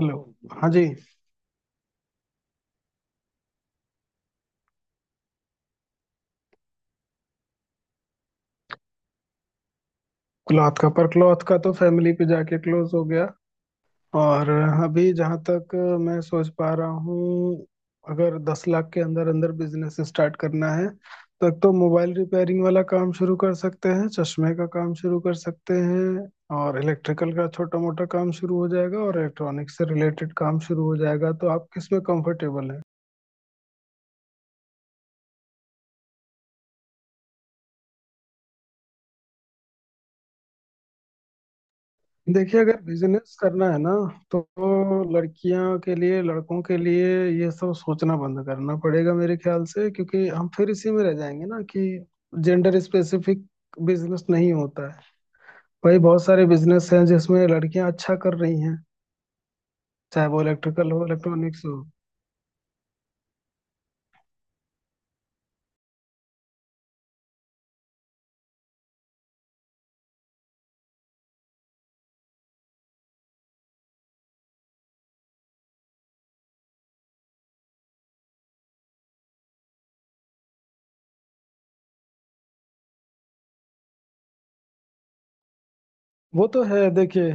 Hello. हाँ जी। Cloth का तो फैमिली पे जाके क्लोज हो गया। और अभी जहाँ तक मैं सोच पा रहा हूँ, अगर 10 लाख के अंदर अंदर बिजनेस स्टार्ट करना है तो एक तो मोबाइल रिपेयरिंग वाला काम शुरू कर सकते हैं, चश्मे का काम शुरू कर सकते हैं, और इलेक्ट्रिकल का छोटा मोटा काम शुरू हो जाएगा और इलेक्ट्रॉनिक्स से रिलेटेड काम शुरू हो जाएगा। तो आप किस में कंफर्टेबल? देखिए, अगर बिजनेस करना है ना, तो लड़कियों के लिए लड़कों के लिए ये सब सोचना बंद करना पड़ेगा मेरे ख्याल से, क्योंकि हम फिर इसी में रह जाएंगे ना कि जेंडर स्पेसिफिक बिजनेस नहीं होता है। भाई, बहुत सारे बिजनेस हैं जिसमें लड़कियां अच्छा कर रही हैं, चाहे वो इलेक्ट्रिकल हो, इलेक्ट्रॉनिक्स हो। वो तो है। देखिए,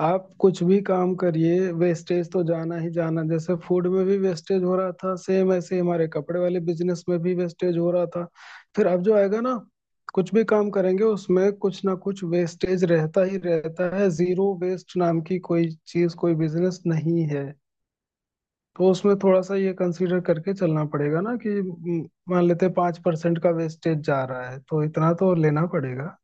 आप कुछ भी काम करिए, वेस्टेज तो जाना ही जाना। जैसे फूड में भी वेस्टेज हो रहा था, सेम ऐसे ही हमारे कपड़े वाले बिजनेस में भी वेस्टेज हो रहा था। फिर अब जो आएगा ना, कुछ भी काम करेंगे उसमें कुछ ना कुछ वेस्टेज रहता ही रहता है। जीरो वेस्ट नाम की कोई चीज, कोई बिजनेस नहीं है। तो उसमें थोड़ा सा ये कंसीडर करके चलना पड़ेगा ना कि मान लेते हैं 5% का वेस्टेज जा रहा है, तो इतना तो लेना पड़ेगा।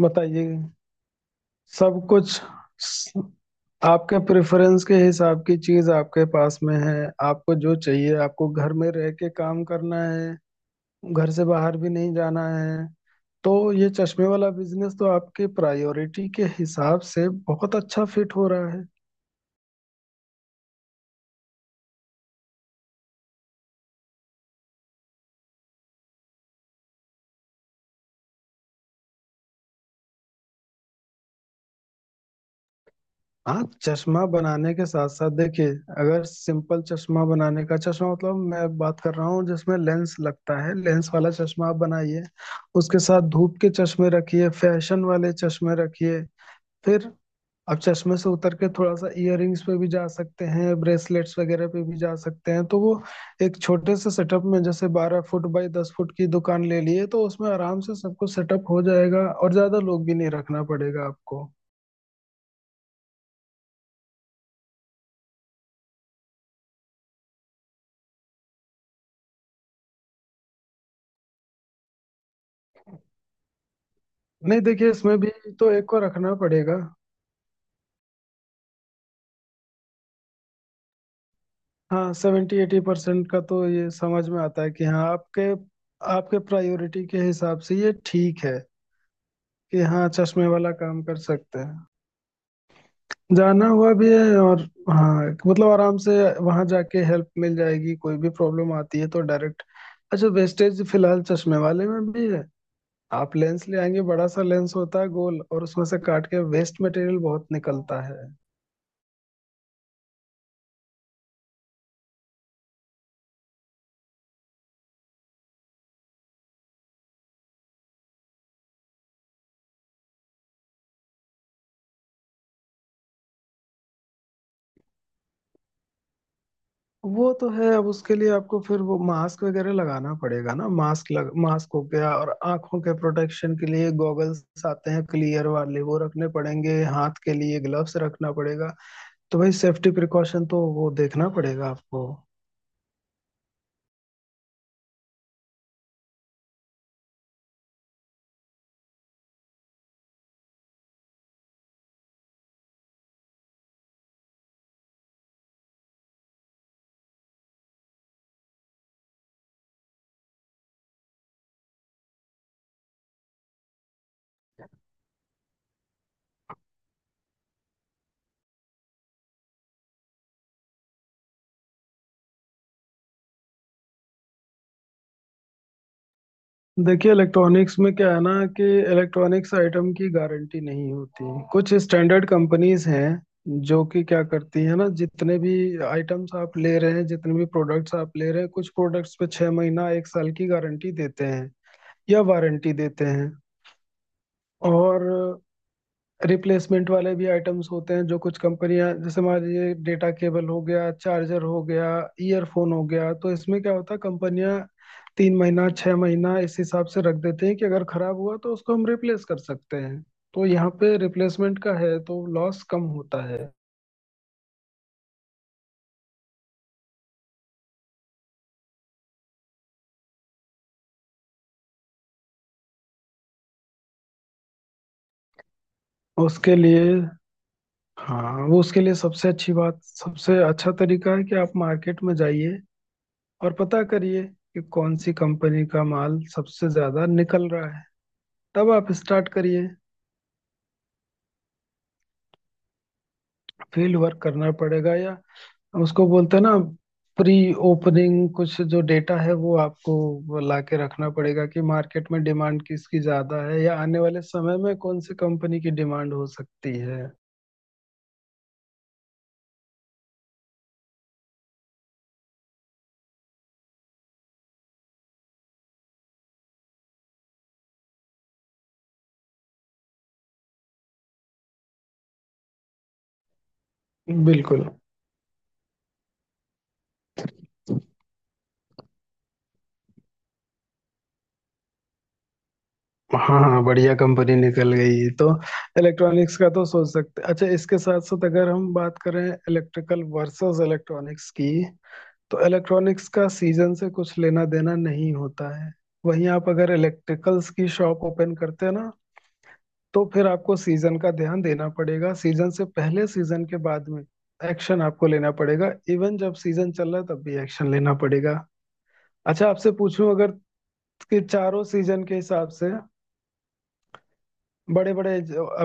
बताइए। सब कुछ स- आपके प्रेफरेंस के हिसाब की चीज आपके पास में है। आपको जो चाहिए, आपको घर में रह के काम करना है, घर से बाहर भी नहीं जाना है, तो ये चश्मे वाला बिजनेस तो आपके प्रायोरिटी के हिसाब से बहुत अच्छा फिट हो रहा है। हाँ, चश्मा बनाने के साथ साथ देखिए, अगर सिंपल चश्मा बनाने का, चश्मा मतलब मैं बात कर रहा हूँ जिसमें लेंस लगता है, लेंस वाला चश्मा आप बनाइए, उसके साथ धूप के चश्मे रखिए, फैशन वाले चश्मे रखिए। फिर आप चश्मे से उतर के थोड़ा सा इयररिंग्स पे भी जा सकते हैं, ब्रेसलेट्स वगैरह पे भी जा सकते हैं। तो वो एक छोटे से सेटअप में, जैसे 12 फुट बाई 10 फुट की दुकान ले लिए, तो उसमें आराम से सब कुछ सेटअप हो जाएगा और ज्यादा लोग भी नहीं रखना पड़ेगा आपको। नहीं, देखिए, इसमें भी तो एक को रखना पड़ेगा। हाँ, 70-80% का तो ये समझ में आता है कि हाँ, आपके आपके प्रायोरिटी के हिसाब से ये ठीक है कि हाँ चश्मे वाला काम कर सकते हैं। जाना हुआ भी है, और हाँ, मतलब आराम से वहां जाके हेल्प मिल जाएगी। कोई भी प्रॉब्लम आती है तो डायरेक्ट। अच्छा, वेस्टेज फिलहाल चश्मे वाले में भी है। आप लेंस ले आएंगे, बड़ा सा लेंस होता है गोल, और उसमें से काट के वेस्ट मटेरियल बहुत निकलता है। वो तो है। अब उसके लिए आपको फिर वो मास्क वगैरह लगाना पड़ेगा ना, मास्क लग मास्क हो गया और आंखों के प्रोटेक्शन के लिए गॉगल्स आते हैं क्लियर वाले, वो रखने पड़ेंगे, हाथ के लिए ग्लव्स रखना पड़ेगा। तो भाई सेफ्टी प्रिकॉशन तो वो देखना पड़ेगा आपको। देखिए, इलेक्ट्रॉनिक्स में क्या है ना कि इलेक्ट्रॉनिक्स आइटम की गारंटी नहीं होती। कुछ स्टैंडर्ड कंपनीज हैं जो कि क्या करती है ना, जितने भी आइटम्स आप ले रहे हैं, जितने भी प्रोडक्ट्स आप ले रहे हैं, कुछ प्रोडक्ट्स पे 6 महीना एक साल की गारंटी देते हैं या वारंटी देते हैं। और रिप्लेसमेंट वाले भी आइटम्स होते हैं, जो कुछ कंपनियां, जैसे मान लीजिए डेटा केबल हो गया, चार्जर हो गया, ईयरफोन हो गया, तो इसमें क्या होता है कंपनियां 3 महीना 6 महीना इस हिसाब से रख देते हैं कि अगर खराब हुआ तो उसको हम रिप्लेस कर सकते हैं। तो यहाँ पे रिप्लेसमेंट का है तो लॉस कम होता है। उसके लिए हाँ, वो उसके लिए सबसे अच्छी बात, सबसे अच्छा तरीका है कि आप मार्केट में जाइए और पता करिए कि कौन सी कंपनी का माल सबसे ज्यादा निकल रहा है, तब आप स्टार्ट करिए। फील्ड वर्क करना पड़ेगा, या उसको बोलते हैं ना प्री ओपनिंग, कुछ जो डेटा है वो आपको ला के रखना पड़ेगा कि मार्केट में डिमांड किसकी ज्यादा है, या आने वाले समय में कौन सी कंपनी की डिमांड हो सकती है। बिल्कुल। हाँ हाँ, बढ़िया कंपनी निकल गई तो। इलेक्ट्रॉनिक्स का तो सोच सकते। अच्छा, इसके साथ साथ अगर हम बात करें इलेक्ट्रिकल वर्सेस इलेक्ट्रॉनिक्स की, तो इलेक्ट्रॉनिक्स का सीजन से कुछ लेना देना नहीं होता है। वहीं आप अगर इलेक्ट्रिकल्स की शॉप ओपन करते हैं ना, तो फिर आपको सीजन का ध्यान देना पड़ेगा। सीजन से पहले, सीजन के बाद में एक्शन आपको लेना पड़ेगा, इवन जब सीजन चल रहा है तब भी एक्शन लेना पड़ेगा। अच्छा, आपसे पूछूं अगर कि चारों सीजन के हिसाब से बड़े बड़े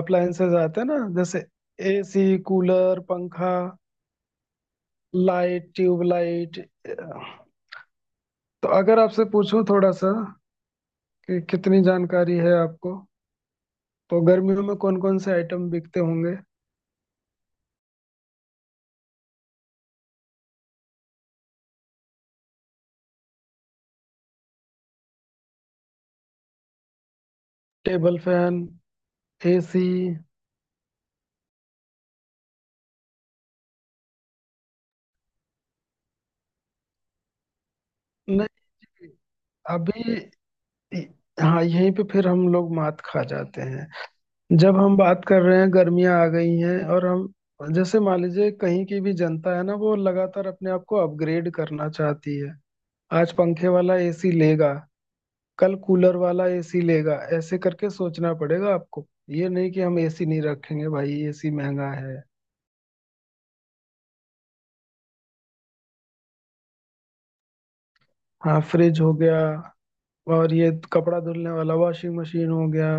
अप्लायंसेस आते हैं ना, जैसे एसी कूलर पंखा, लाइट ट्यूबलाइट। तो अगर आपसे पूछूं थोड़ा सा कि कितनी जानकारी है आपको, तो गर्मियों में कौन कौन से आइटम बिकते होंगे? Table fan, AC. नहीं, अभी हाँ, यहीं पे फिर हम लोग मात खा जाते हैं। जब हम बात कर रहे हैं गर्मियां आ गई हैं, और हम जैसे मान लीजिए कहीं की भी जनता है ना, वो लगातार अपने आप को अपग्रेड करना चाहती है। आज पंखे वाला एसी लेगा, कल कूलर वाला एसी लेगा, ऐसे करके सोचना पड़ेगा आपको। ये नहीं कि हम एसी नहीं रखेंगे, भाई एसी महंगा है। हाँ, फ्रिज हो गया, और ये कपड़ा धुलने वाला वॉशिंग मशीन हो गया।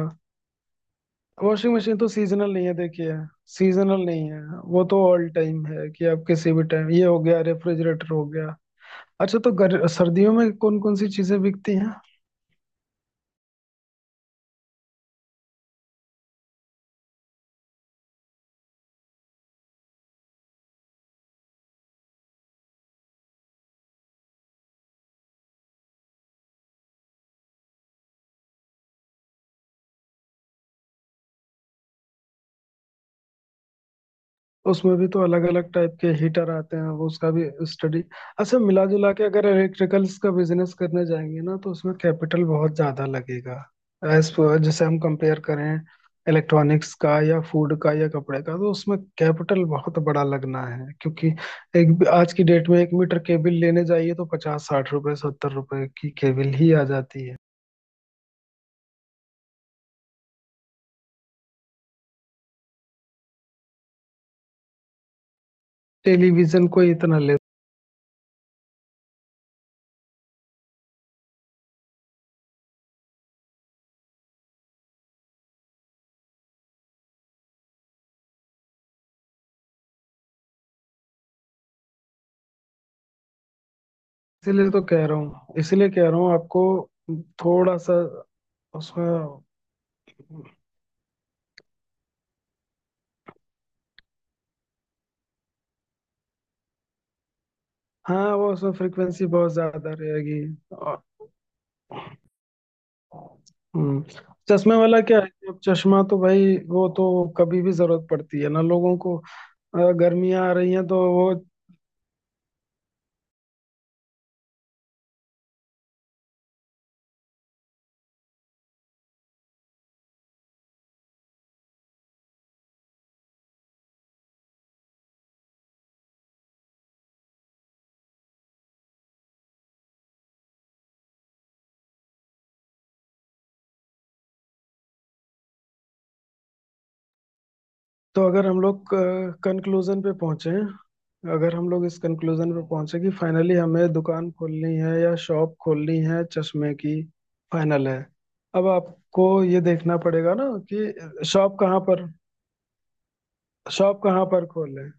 वॉशिंग मशीन तो सीजनल नहीं है, देखिए, सीजनल नहीं है। वो तो ऑल टाइम है कि आप किसी भी टाइम, ये हो गया रेफ्रिजरेटर हो गया। अच्छा, तो सर्दियों में कौन कौन सी चीजें बिकती हैं? उसमें भी तो अलग अलग टाइप के हीटर आते हैं, वो उसका भी स्टडी। अच्छा, मिला जुला के अगर इलेक्ट्रिकल्स का बिजनेस करने जाएंगे ना, तो उसमें कैपिटल बहुत ज्यादा लगेगा। एज जैसे हम कंपेयर करें इलेक्ट्रॉनिक्स का या फूड का या कपड़े का, तो उसमें कैपिटल बहुत बड़ा लगना है, क्योंकि एक आज की डेट में एक मीटर केबल लेने जाइए तो 50-60 रुपए 70 रुपए की केबल ही आ जाती है। टेलीविजन कोई इतना ले। इसीलिए तो कह रहा हूँ इसीलिए कह रहा हूँ आपको, थोड़ा सा उसमें। हाँ, वो उसमें फ्रिक्वेंसी बहुत ज्यादा रहेगी। और हम्म, चश्मे वाला क्या है कि अब चश्मा तो भाई वो तो कभी भी जरूरत पड़ती है ना लोगों को, गर्मियाँ आ रही हैं तो वो। तो अगर हम लोग कंक्लूजन पे पहुंचे, अगर हम लोग इस कंक्लूजन पे पहुंचे कि फाइनली हमें दुकान खोलनी है या शॉप खोलनी है चश्मे की, फाइनल है। अब आपको ये देखना पड़ेगा ना कि शॉप कहाँ पर, शॉप कहाँ पर खोलें।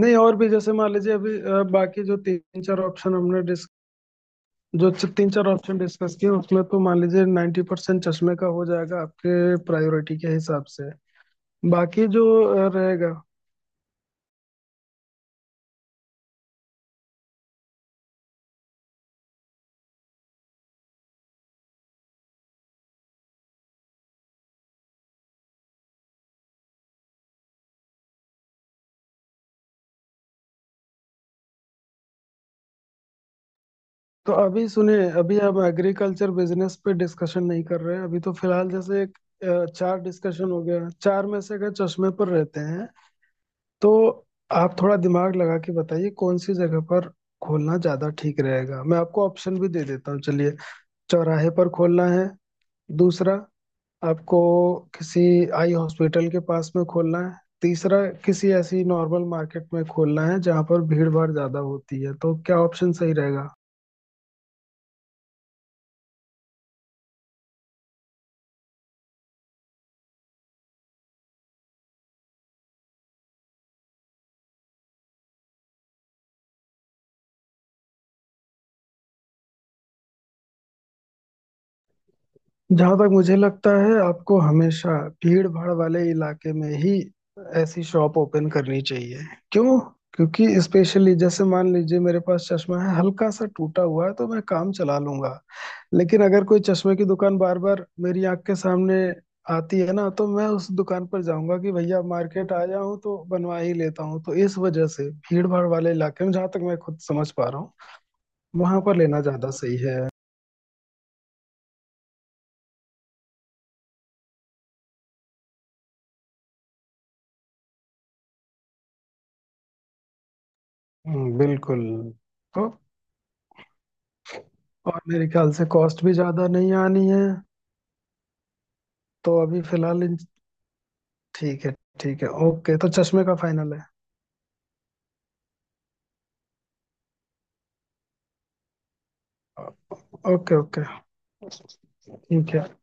नहीं, और भी। जैसे मान लीजिए अभी बाकी जो तीन चार ऑप्शन हमने तीन चार ऑप्शन डिस्कस किए, उसमें तो मान लीजिए 90% चश्मे का हो जाएगा आपके प्रायोरिटी के हिसाब से। बाकी जो रहेगा। तो अभी सुनिए, अभी आप एग्रीकल्चर बिजनेस पे डिस्कशन नहीं कर रहे हैं, अभी तो फिलहाल जैसे एक चार डिस्कशन हो गया। चार में से अगर चश्मे पर रहते हैं, तो आप थोड़ा दिमाग लगा के बताइए कौन सी जगह पर खोलना ज्यादा ठीक रहेगा। मैं आपको ऑप्शन भी दे देता हूँ, चलिए। चौराहे पर खोलना है। दूसरा, आपको किसी आई हॉस्पिटल के पास में खोलना है। तीसरा, किसी ऐसी नॉर्मल मार्केट में खोलना है जहां पर भीड़ भाड़ ज्यादा होती है। तो क्या ऑप्शन सही रहेगा? जहां तक मुझे लगता है, आपको हमेशा भीड़ भाड़ वाले इलाके में ही ऐसी शॉप ओपन करनी चाहिए। क्यों? क्योंकि स्पेशली जैसे मान लीजिए मेरे पास चश्मा है हल्का सा टूटा हुआ है, तो मैं काम चला लूंगा। लेकिन अगर कोई चश्मे की दुकान बार बार मेरी आंख के सामने आती है ना, तो मैं उस दुकान पर जाऊंगा कि भैया मार्केट आया हूँ तो बनवा ही लेता हूँ। तो इस वजह से भीड़ भाड़ वाले इलाके में, जहां तक मैं खुद समझ पा रहा हूँ, वहां पर लेना ज्यादा सही है। बिल्कुल। तो, और मेरे ख्याल से कॉस्ट भी ज्यादा नहीं आनी है। तो अभी फिलहाल ठीक है। ठीक है, ओके, तो चश्मे का फाइनल है। ओके ओके, ठीक है।